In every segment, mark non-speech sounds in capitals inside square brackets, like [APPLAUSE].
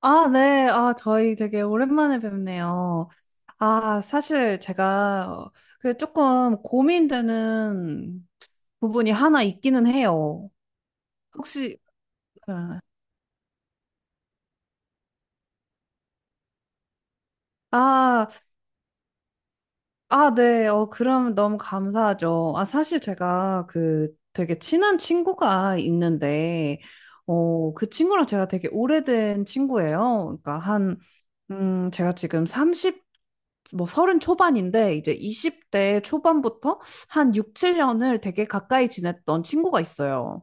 아, 네. 아, 저희 되게 오랜만에 뵙네요. 아, 사실 제가 조금 고민되는 부분이 하나 있기는 해요. 혹시, 네. 아, 아, 네. 그럼 너무 감사하죠. 아, 사실 제가 그 되게 친한 친구가 있는데, 친구랑 제가 되게 오래된 친구예요. 그러니까 한 제가 지금 30, 뭐 30 초반인데 이제 20대 초반부터 한 6, 7년을 되게 가까이 지냈던 친구가 있어요.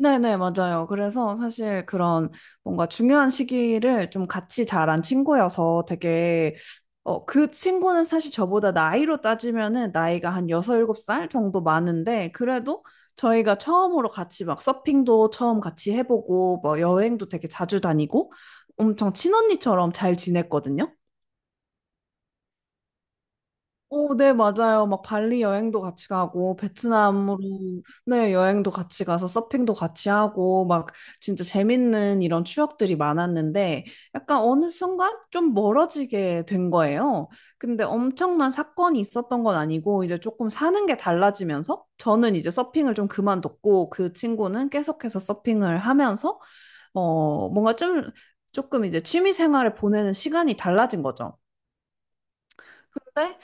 네네, 맞아요. 그래서 사실 그런 뭔가 중요한 시기를 좀 같이 자란 친구여서 되게, 그 친구는 사실 저보다 나이로 따지면은 나이가 한 여섯 일곱 살 정도 많은데, 그래도 저희가 처음으로 같이 막 서핑도 처음 같이 해보고, 뭐 여행도 되게 자주 다니고, 엄청 친언니처럼 잘 지냈거든요. 오, 네, 맞아요. 막 발리 여행도 같이 가고, 베트남으로, 네, 여행도 같이 가서 서핑도 같이 하고, 막 진짜 재밌는 이런 추억들이 많았는데, 약간 어느 순간 좀 멀어지게 된 거예요. 근데 엄청난 사건이 있었던 건 아니고, 이제 조금 사는 게 달라지면서, 저는 이제 서핑을 좀 그만뒀고, 그 친구는 계속해서 서핑을 하면서, 어, 뭔가 좀, 조금 이제 취미 생활을 보내는 시간이 달라진 거죠. 근데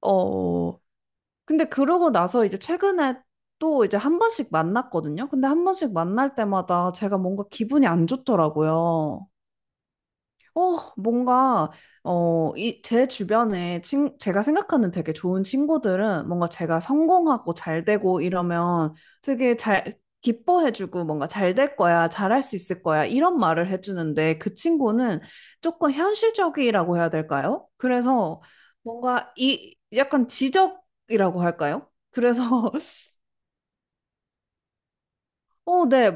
어, 근데 그러고 나서 이제 최근에 또 이제 한 번씩 만났거든요. 근데 한 번씩 만날 때마다 제가 뭔가 기분이 안 좋더라고요. 어, 뭔가, 제 주변에 친, 제가 생각하는 되게 좋은 친구들은 뭔가 제가 성공하고 잘 되고 이러면 되게 잘, 기뻐해주고 뭔가 잘될 거야, 잘할 수 있을 거야, 이런 말을 해주는데 그 친구는 조금 현실적이라고 해야 될까요? 그래서 뭔가 이, 약간 지적이라고 할까요? 그래서, [LAUGHS] 어, 네,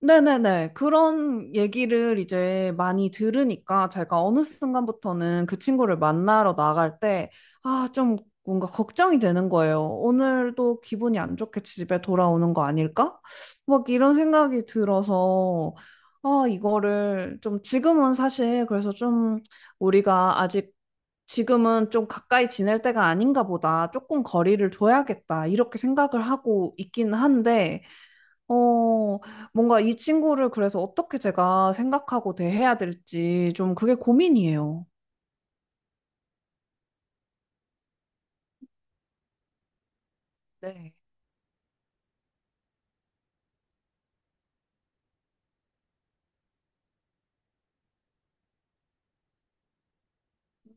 네네네. 그런 얘기를 이제 많이 들으니까 제가 어느 순간부터는 그 친구를 만나러 나갈 때, 아, 좀 뭔가 걱정이 되는 거예요. 오늘도 기분이 안 좋게 집에 돌아오는 거 아닐까? 막 이런 생각이 들어서, 아, 이거를 좀 지금은 사실 그래서 좀 우리가 아직 지금은 좀 가까이 지낼 때가 아닌가 보다. 조금 거리를 둬야겠다. 이렇게 생각을 하고 있긴 한데, 어, 뭔가 이 친구를 그래서 어떻게 제가 생각하고 대해야 될지 좀 그게 고민이에요. 네.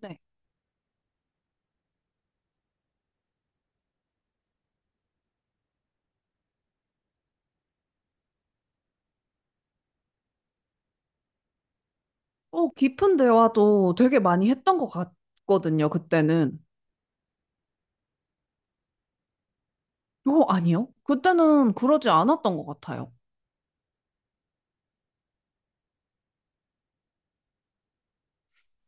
네. 어, 깊은 대화도 되게 많이 했던 것 같거든요, 그때는. 어, 아니요? 그때는 그러지 않았던 것 같아요.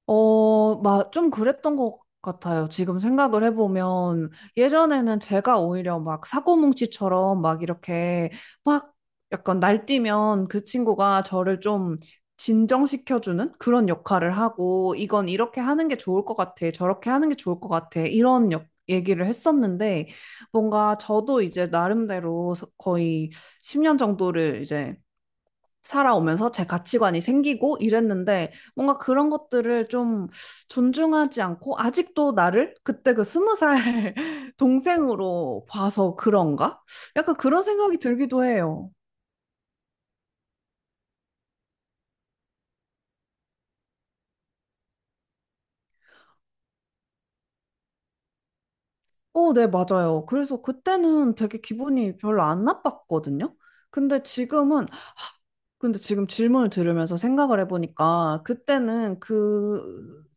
어, 막 좀 그랬던 것 같아요. 지금 생각을 해보면 예전에는 제가 오히려 막 사고뭉치처럼 막 이렇게 막 약간 날뛰면 그 친구가 저를 좀 진정시켜주는 그런 역할을 하고 이건 이렇게 하는 게 좋을 것 같아. 저렇게 하는 게 좋을 것 같아. 얘기를 했었는데 뭔가 저도 이제 나름대로 거의 10년 정도를 이제 살아오면서 제 가치관이 생기고 이랬는데 뭔가 그런 것들을 좀 존중하지 않고 아직도 나를 그때 그 스무 살 [LAUGHS] 동생으로 봐서 그런가? 약간 그런 생각이 들기도 해요. 어, 네, 맞아요. 그래서 그때는 되게 기분이 별로 안 나빴거든요. 근데 지금은 근데 지금 질문을 들으면서 생각을 해보니까 그때는 그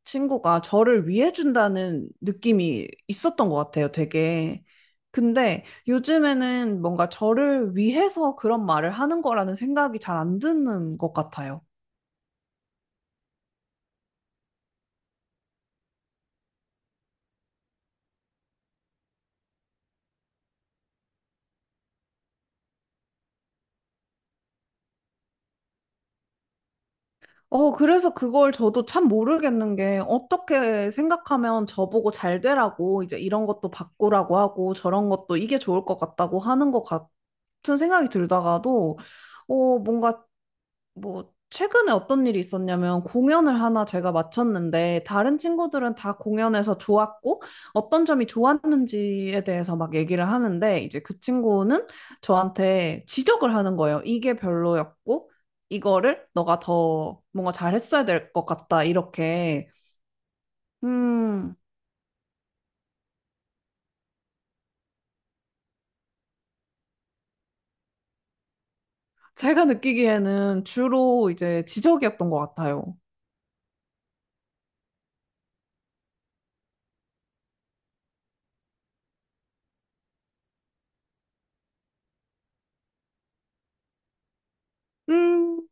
친구가 저를 위해준다는 느낌이 있었던 것 같아요, 되게. 근데 요즘에는 뭔가 저를 위해서 그런 말을 하는 거라는 생각이 잘 안 드는 것 같아요. 어, 그래서 그걸 저도 참 모르겠는 게 어떻게 생각하면 저보고 잘 되라고 이제 이런 것도 바꾸라고 하고 저런 것도 이게 좋을 것 같다고 하는 것 같은 생각이 들다가도 어, 뭔가 뭐, 최근에 어떤 일이 있었냐면 공연을 하나 제가 마쳤는데 다른 친구들은 다 공연에서 좋았고 어떤 점이 좋았는지에 대해서 막 얘기를 하는데 이제 그 친구는 저한테 지적을 하는 거예요. 이게 별로였고 이거를 너가 더 뭔가 잘했어야 될 것 같다. 이렇게. 음, 제가 느끼기에는 주로 이제 지적이었던 것 같아요. 음,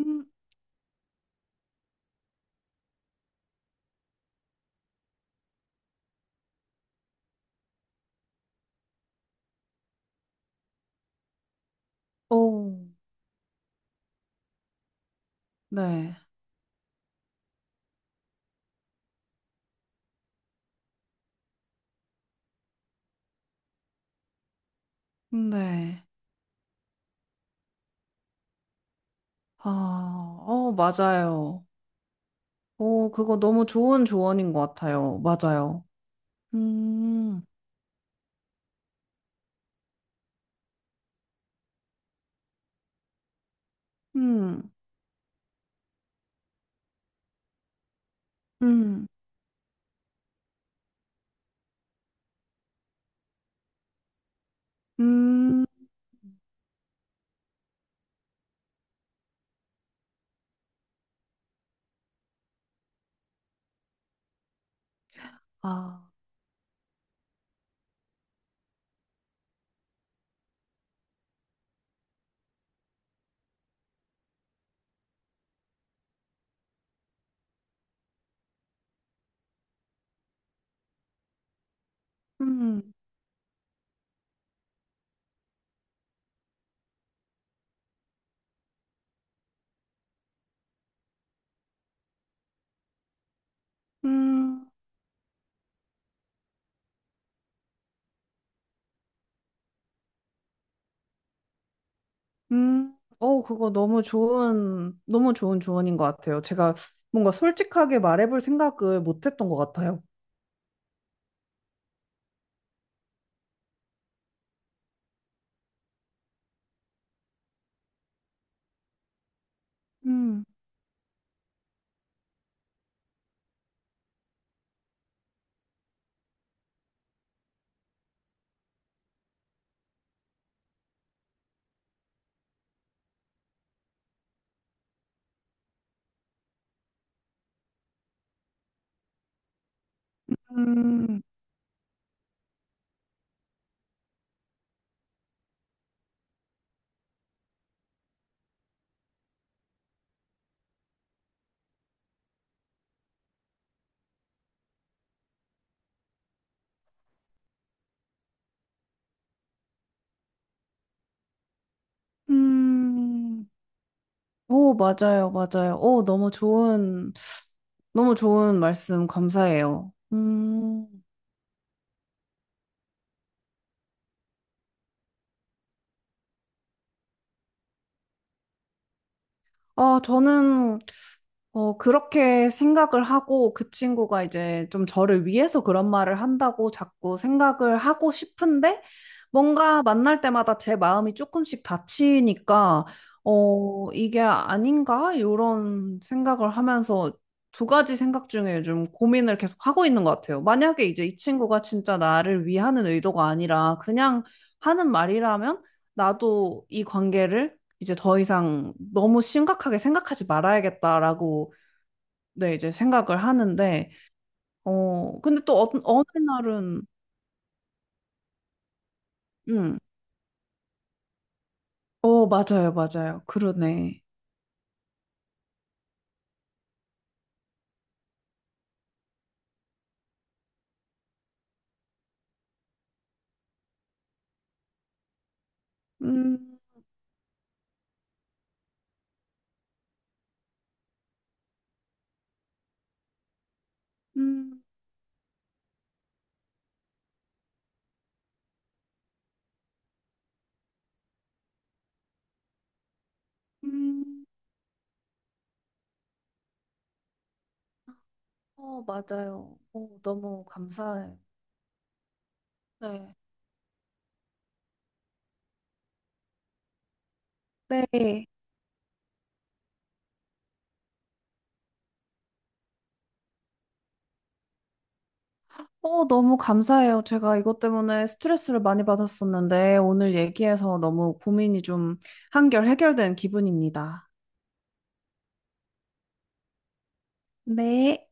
음, 오, 네, 네. 아, 어, 맞아요. 오, 그거 너무 좋은 조언인 것 같아요. 맞아요. 음, 음, 음, 음, 아, 음, 음, 오, 그거 너무 좋은, 너무 좋은 조언인 것 같아요. 제가 뭔가 솔직하게 말해볼 생각을 못 했던 것 같아요. 음, 음, 음. 오, 맞아요, 맞아요. 오, 너무 좋은, 너무 좋은 말씀 감사해요. 아, 저는 어, 그렇게 생각을 하고 그 친구가 이제 좀 저를 위해서 그런 말을 한다고 자꾸 생각을 하고 싶은데 뭔가 만날 때마다 제 마음이 조금씩 다치니까 어, 이게 아닌가? 이런 생각을 하면서 두 가지 생각 중에 요즘 고민을 계속 하고 있는 것 같아요. 만약에 이제 이 친구가 진짜 나를 위하는 의도가 아니라 그냥 하는 말이라면 나도 이 관계를 이제 더 이상 너무 심각하게 생각하지 말아야겠다라고 네, 이제 생각을 하는데 어느 날은 음. 어, 맞아요. 맞아요. 그러네. 음. 음. 음. 어, 맞아요. 어, 너무 감사해요. 네. 네. 어, 너무 감사해요. 제가 이것 때문에 스트레스를 많이 받았었는데, 오늘 얘기해서 너무 고민이 좀 한결 해결된 기분입니다. 네.